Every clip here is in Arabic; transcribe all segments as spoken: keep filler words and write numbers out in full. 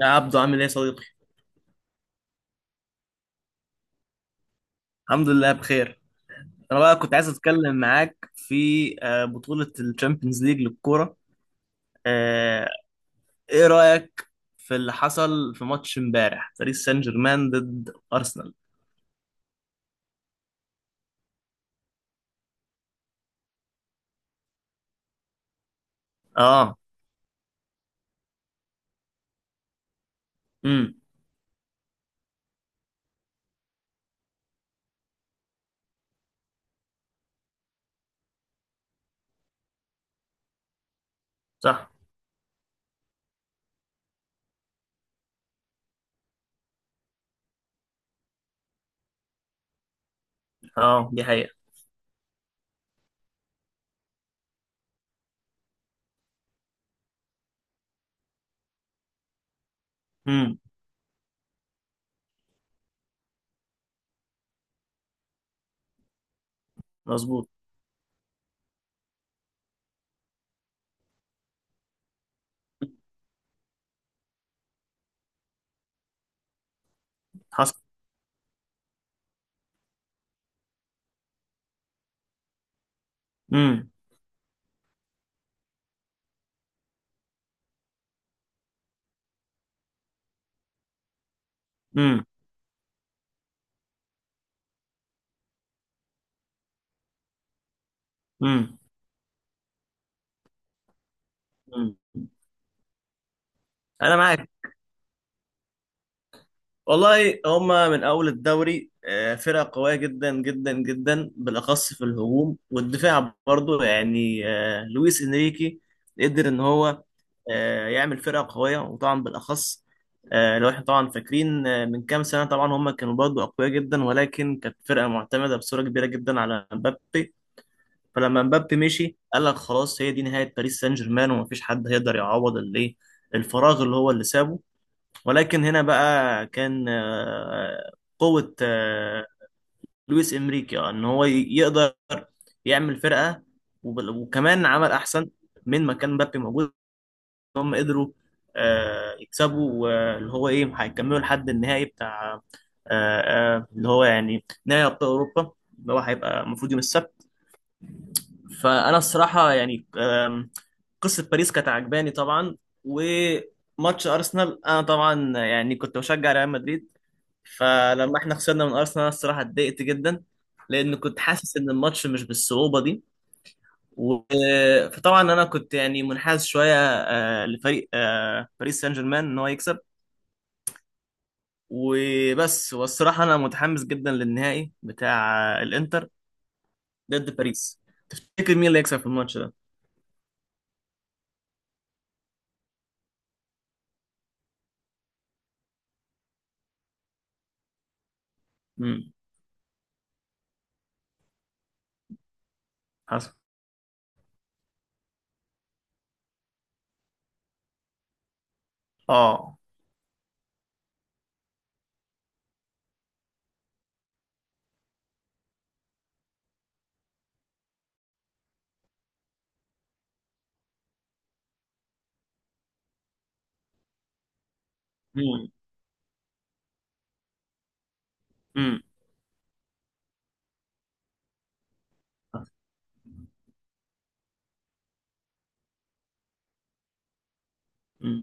يا عبدو عامل ايه يا صديقي؟ الحمد لله بخير. انا بقى كنت عايز اتكلم معاك في آه، بطولة الشامبيونز ليج للكورة. آه، ايه رأيك في اللي حصل في ماتش امبارح باريس سان جيرمان ضد ارسنال؟ اه. امم. صح. اه، دي حقيقة. امم. مظبوط. حصل. امم. امم. امم. أمم. انا معاك. والله هما من أول الدوري آه، فرقة قوية جدا جدا جدا، بالأخص في الهجوم والدفاع، برضو يعني آه، لويس إنريكي قدر إن هو آه، يعمل فرقة قوية. وطبعا بالأخص آه، لو إحنا طبعا فاكرين آه، من كام سنة، طبعا هما كانوا برضو أقوياء جدا، ولكن كانت فرقة معتمدة بصورة كبيرة جدا على مبابي. فلما مبابي مشي قال لك خلاص، هي دي نهاية باريس سان جيرمان، ومفيش حد هيقدر يعوض الإيه، الفراغ اللي هو اللي سابه. ولكن هنا بقى كان آه، قوة آه، لويس إنريكي، آه، إن هو ي- يقدر يعمل فرقة. وب- وكمان عمل أحسن من ما كان مبابي موجود. هم قدروا آه، يكسبوا، واللي هو إيه، هيكملوا لحد النهائي بتاع آه، آه، اللي هو يعني نهائي أبطال أوروبا، اللي هو هيبقى المفروض يوم السبت. فأنا الصراحة يعني آم، قصة باريس كانت عجباني طبعا. وماتش أرسنال، أنا طبعا يعني كنت بشجع ريال مدريد، فلما احنا خسرنا من ارسنال انا الصراحه اتضايقت جدا، لان كنت حاسس ان الماتش مش بالصعوبه دي. و- فطبعا انا كنت يعني منحاز شويه آه، لفريق آه، باريس سان جيرمان ان هو يكسب وبس. والصراحه انا متحمس جدا للنهائي بتاع آه، الانتر ضد باريس. تفتكر مين اللي هيكسب في الماتش ده؟ امم. حصل. اه. امم. امم. مم.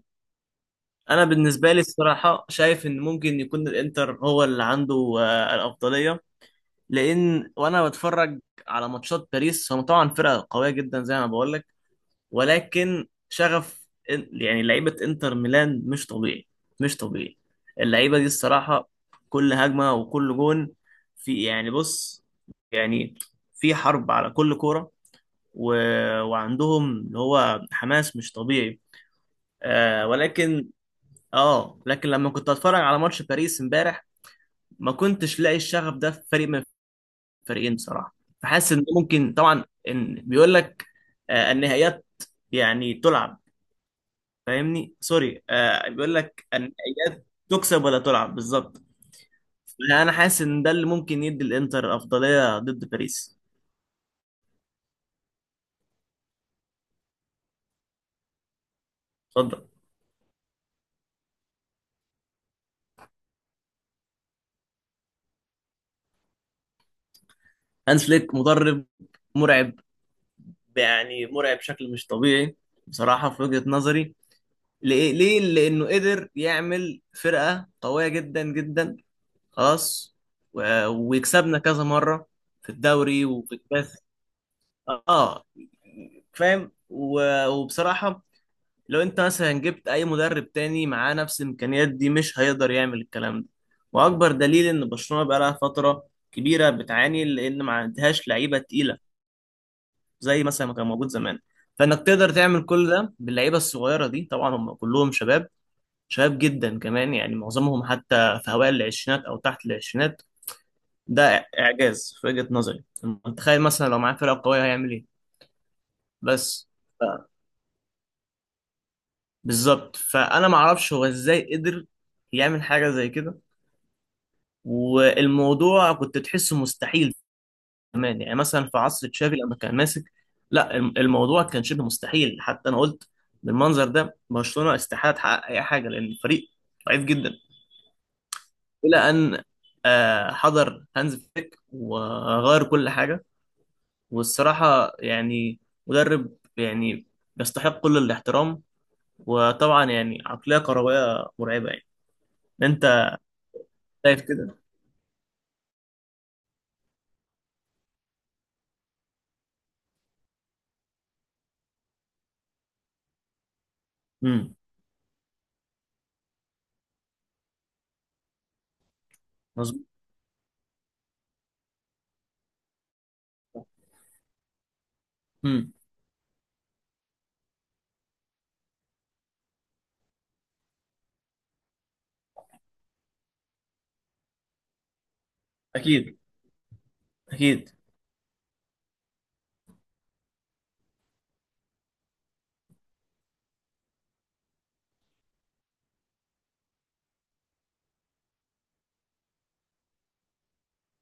انا بالنسبه لي الصراحه شايف ان ممكن يكون الانتر هو اللي عنده آه، الافضليه، لان وانا بتفرج على ماتشات باريس هم طبعا فرقه قويه جدا زي ما بقول لك، ولكن شغف إن- يعني لعيبه انتر ميلان مش طبيعي، مش طبيعي. اللعيبه دي الصراحه كل هجمه وكل جون في، يعني بص، يعني في حرب على كل كوره. و... وعندهم اللي هو حماس مش طبيعي. آه ولكن اه لكن لما كنت اتفرج على ماتش باريس امبارح ما كنتش لاقي الشغف ده في فريق فريقين بصراحه. فحاسس ان ممكن طبعا ان بيقول لك آه، النهائيات يعني تلعب، فاهمني، سوري، آه، بيقول لك النهائيات تكسب ولا تلعب بالظبط. انا حاسس ان ده اللي ممكن يدي الانتر افضليه ضد باريس. اتفضل. هانز فليك مدرب مرعب. يعني مرعب بشكل مش طبيعي بصراحه في وجهه نظري. ليه ليه؟ لانه قدر يعمل فرقه قويه جدا جدا، خلاص. و- ويكسبنا كذا مره في الدوري وفي الكاس. اه، فاهم. و- وبصراحة لو انت مثلا جبت اي مدرب تاني معاه نفس الامكانيات دي مش هيقدر يعمل الكلام ده. واكبر دليل ان برشلونة بقالها فترة كبيرة بتعاني لان ما عندهاش لعيبة تقيلة زي مثلا ما كان موجود زمان. فانك تقدر تعمل كل ده باللعيبة الصغيرة دي، طبعا هم كلهم شباب، شباب جدا كمان، يعني معظمهم حتى في هوائل العشرينات او تحت العشرينات. ده اعجاز في وجهة نظري. تخيل مثلا لو معاه فرقة قوية هيعمل ايه. بس بالظبط، فانا ما اعرفش هو ازاي قدر يعمل حاجه زي كده، والموضوع كنت تحسه مستحيل. كمان يعني مثلا في عصر تشافي لما كان ماسك، لا، الم- الموضوع كان شبه مستحيل. حتى انا قلت بالمنظر ده برشلونه استحاله تحقق اي حاجه لان الفريق ضعيف جدا، الى ان آه، حضر هانز فليك وغير كل حاجه. والصراحه يعني مدرب يعني يستحق كل الاحترام، وطبعا يعني عقليه كرويه مرعبه يعني. انت شايف كده؟ امم. مظبوط. امم. اكيد، اكيد.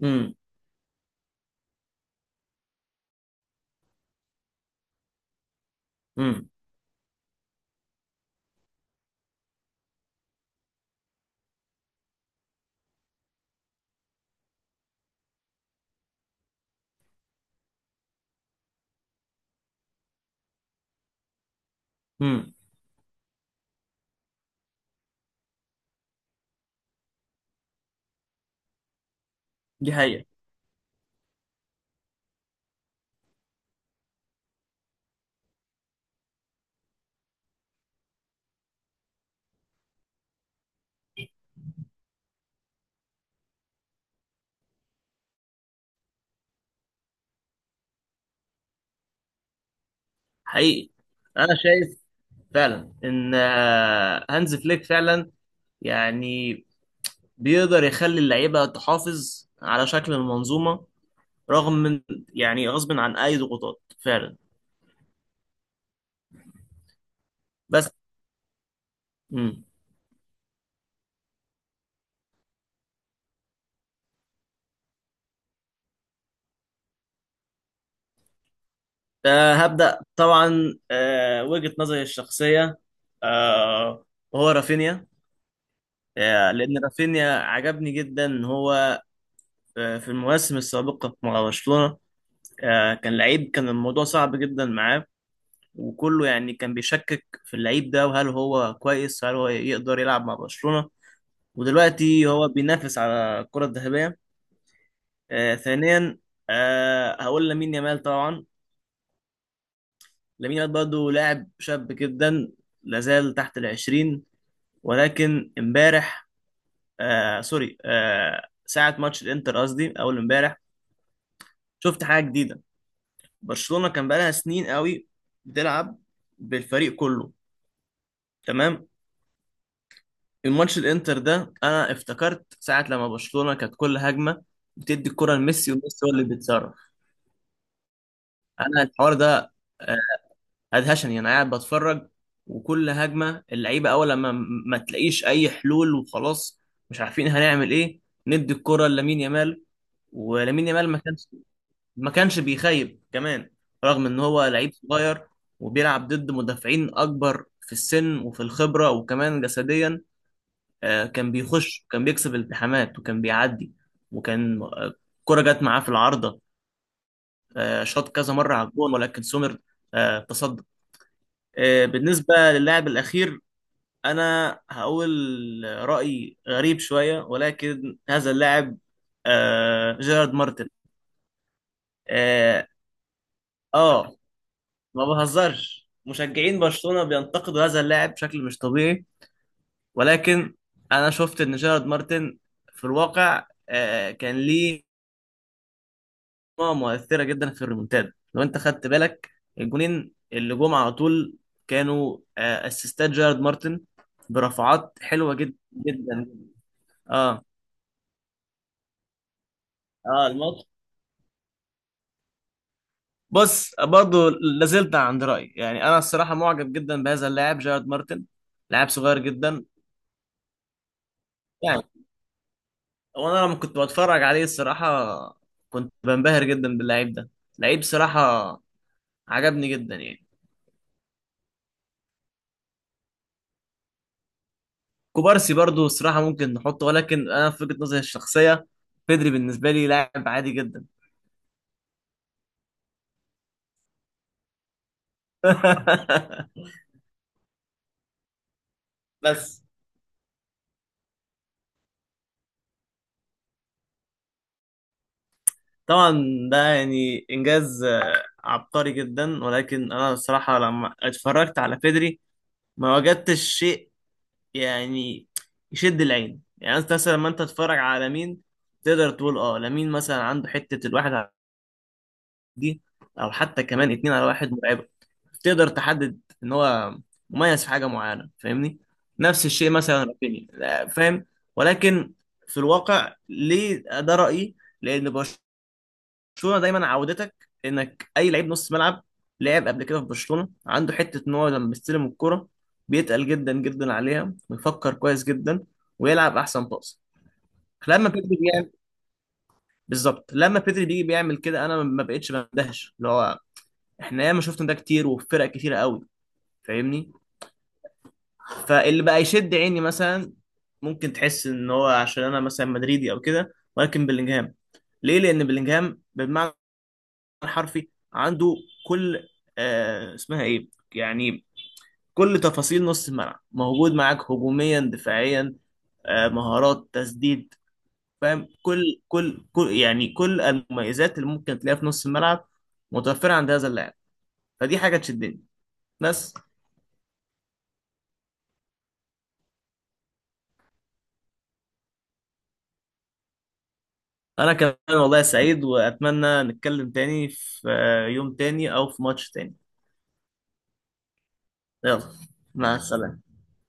امم. امم. امم. دي حقيقة. حقيقي. انا شايف فعلا ان آه، هانز فليك فعلا يعني بيقدر يخلي اللعيبة تحافظ على شكل المنظومة، رغم من يعني غصب عن اي ضغوطات فعلا. بس. امم. آه، هبدأ طبعا آه، وجهة نظري الشخصية، آه، هو رافينيا. آه، لان رافينيا عجبني جدا ان هو في المواسم السابقة مع برشلونة آه، كان لعيب كان الموضوع صعب جدا معاه، وكله يعني كان بيشكك في اللعيب ده، وهل هو كويس، هل هو يقدر يلعب مع برشلونة. ودلوقتي هو بينافس على الكرة الذهبية. آه، ثانيا آه، هقول لامين يامال طبعا. لامين يامال برضه لاعب شاب جدا، لازال تحت العشرين. ولكن امبارح، آه سوري، آه ساعة ماتش الانتر، قصدي أول امبارح، شفت حاجة جديدة. برشلونة كان بقالها سنين قوي بتلعب بالفريق كله، تمام. الماتش الانتر ده، انا افتكرت ساعة لما برشلونة كانت كل هجمة بتدي الكرة لميسي وميسي هو اللي بيتصرف. انا الحوار ده آه، ادهشني. انا قاعد بتفرج وكل هجمة اللعيبة اول لما م- ما تلاقيش اي حلول وخلاص، مش عارفين هنعمل ايه، ندي الكرة لامين يامال. ولامين يامال ما كانش ما كانش بيخيب كمان، رغم ان هو لعيب صغير وبيلعب ضد مدافعين اكبر في السن وفي الخبرة وكمان جسديا. آه، كان بيخش، كان بيكسب التحامات، وكان بيعدي. وكان آه، كرة جت معاه في العارضة. آه، شاط كذا مرة على الجون ولكن سومر آه، تصدى. آه، بالنسبة للاعب الأخير أنا هقول رأي غريب شوية، ولكن هذا اللاعب آه، جيرارد مارتن. اه. آه، ما بهزرش، مشجعين برشلونة بينتقدوا هذا اللاعب بشكل مش طبيعي، ولكن أنا شفت إن جيرارد مارتن في الواقع آه، كان ليه مجموعة مؤثرة جدا في الريمونتادا. لو أنت خدت بالك الجونين اللي جم على طول كانوا آه، أسيستات جيرارد مارتن، برفعات حلوة جدا جدا. اه. اه. الماتش. بص، برضو لازلت عند رأيي، يعني أنا الصراحة معجب جدا بهذا اللاعب جيرارد مارتن، لاعب صغير جدا، يعني. هو انا لما كنت بتفرج عليه الصراحه كنت بنبهر جدا باللعيب ده، لعيب صراحه عجبني جدا يعني. كوبارسي برضو الصراحه ممكن نحطه، ولكن انا في وجهه نظري الشخصيه بيدري بالنسبه لي لاعب عادي جدا. بس. طبعا ده يعني انجاز آه، عبقري جدا، ولكن انا الصراحه لما اتفرجت على بيدري ما وجدتش شيء يعني يشد العين. يعني انت مثلا لما انت تتفرج على مين تقدر تقول اه لامين مثلا عنده حته الواحد دي، او حتى كمان اتنين على واحد مرعبه. تقدر تحدد ان هو مميز في حاجه معينه، فاهمني. نفس الشيء مثلا رافينيا، لا، فاهم. ولكن في الواقع ليه ده رايي؟ لان برشلونه دايما عودتك انك اي لعيب نص ملعب لعب قبل كده في برشلونه عنده حته ان هو لما بيستلم الكره بيتقل جدا جدا عليها ويفكر كويس جدا ويلعب احسن باص. لما بيدري بيعمل بالظبط لما بيدري بيجي بيعمل كده، انا ما بقتش بندهش، اللي هو احنا ياما شفنا ده كتير وفي فرق كتيرة قوي، فاهمني. فاللي بقى يشد عيني مثلا، ممكن تحس ان هو عشان انا مثلا مدريدي او كده، ولكن بلينجهام. ليه؟ لان بلينجهام بالمعنى الحرفي عنده كل آه اسمها ايه يعني كل تفاصيل نص الملعب موجود معاك، هجوميا، دفاعيا، آه مهارات تسديد، فاهم. كل كل كل يعني كل المميزات اللي ممكن تلاقيها في نص الملعب متوفرة عند هذا اللاعب، فدي حاجة تشدني. بس. انا كمان. والله سعيد، واتمنى نتكلم تاني في آه، يوم تاني او في ماتش تاني. يلا. مع السلامة.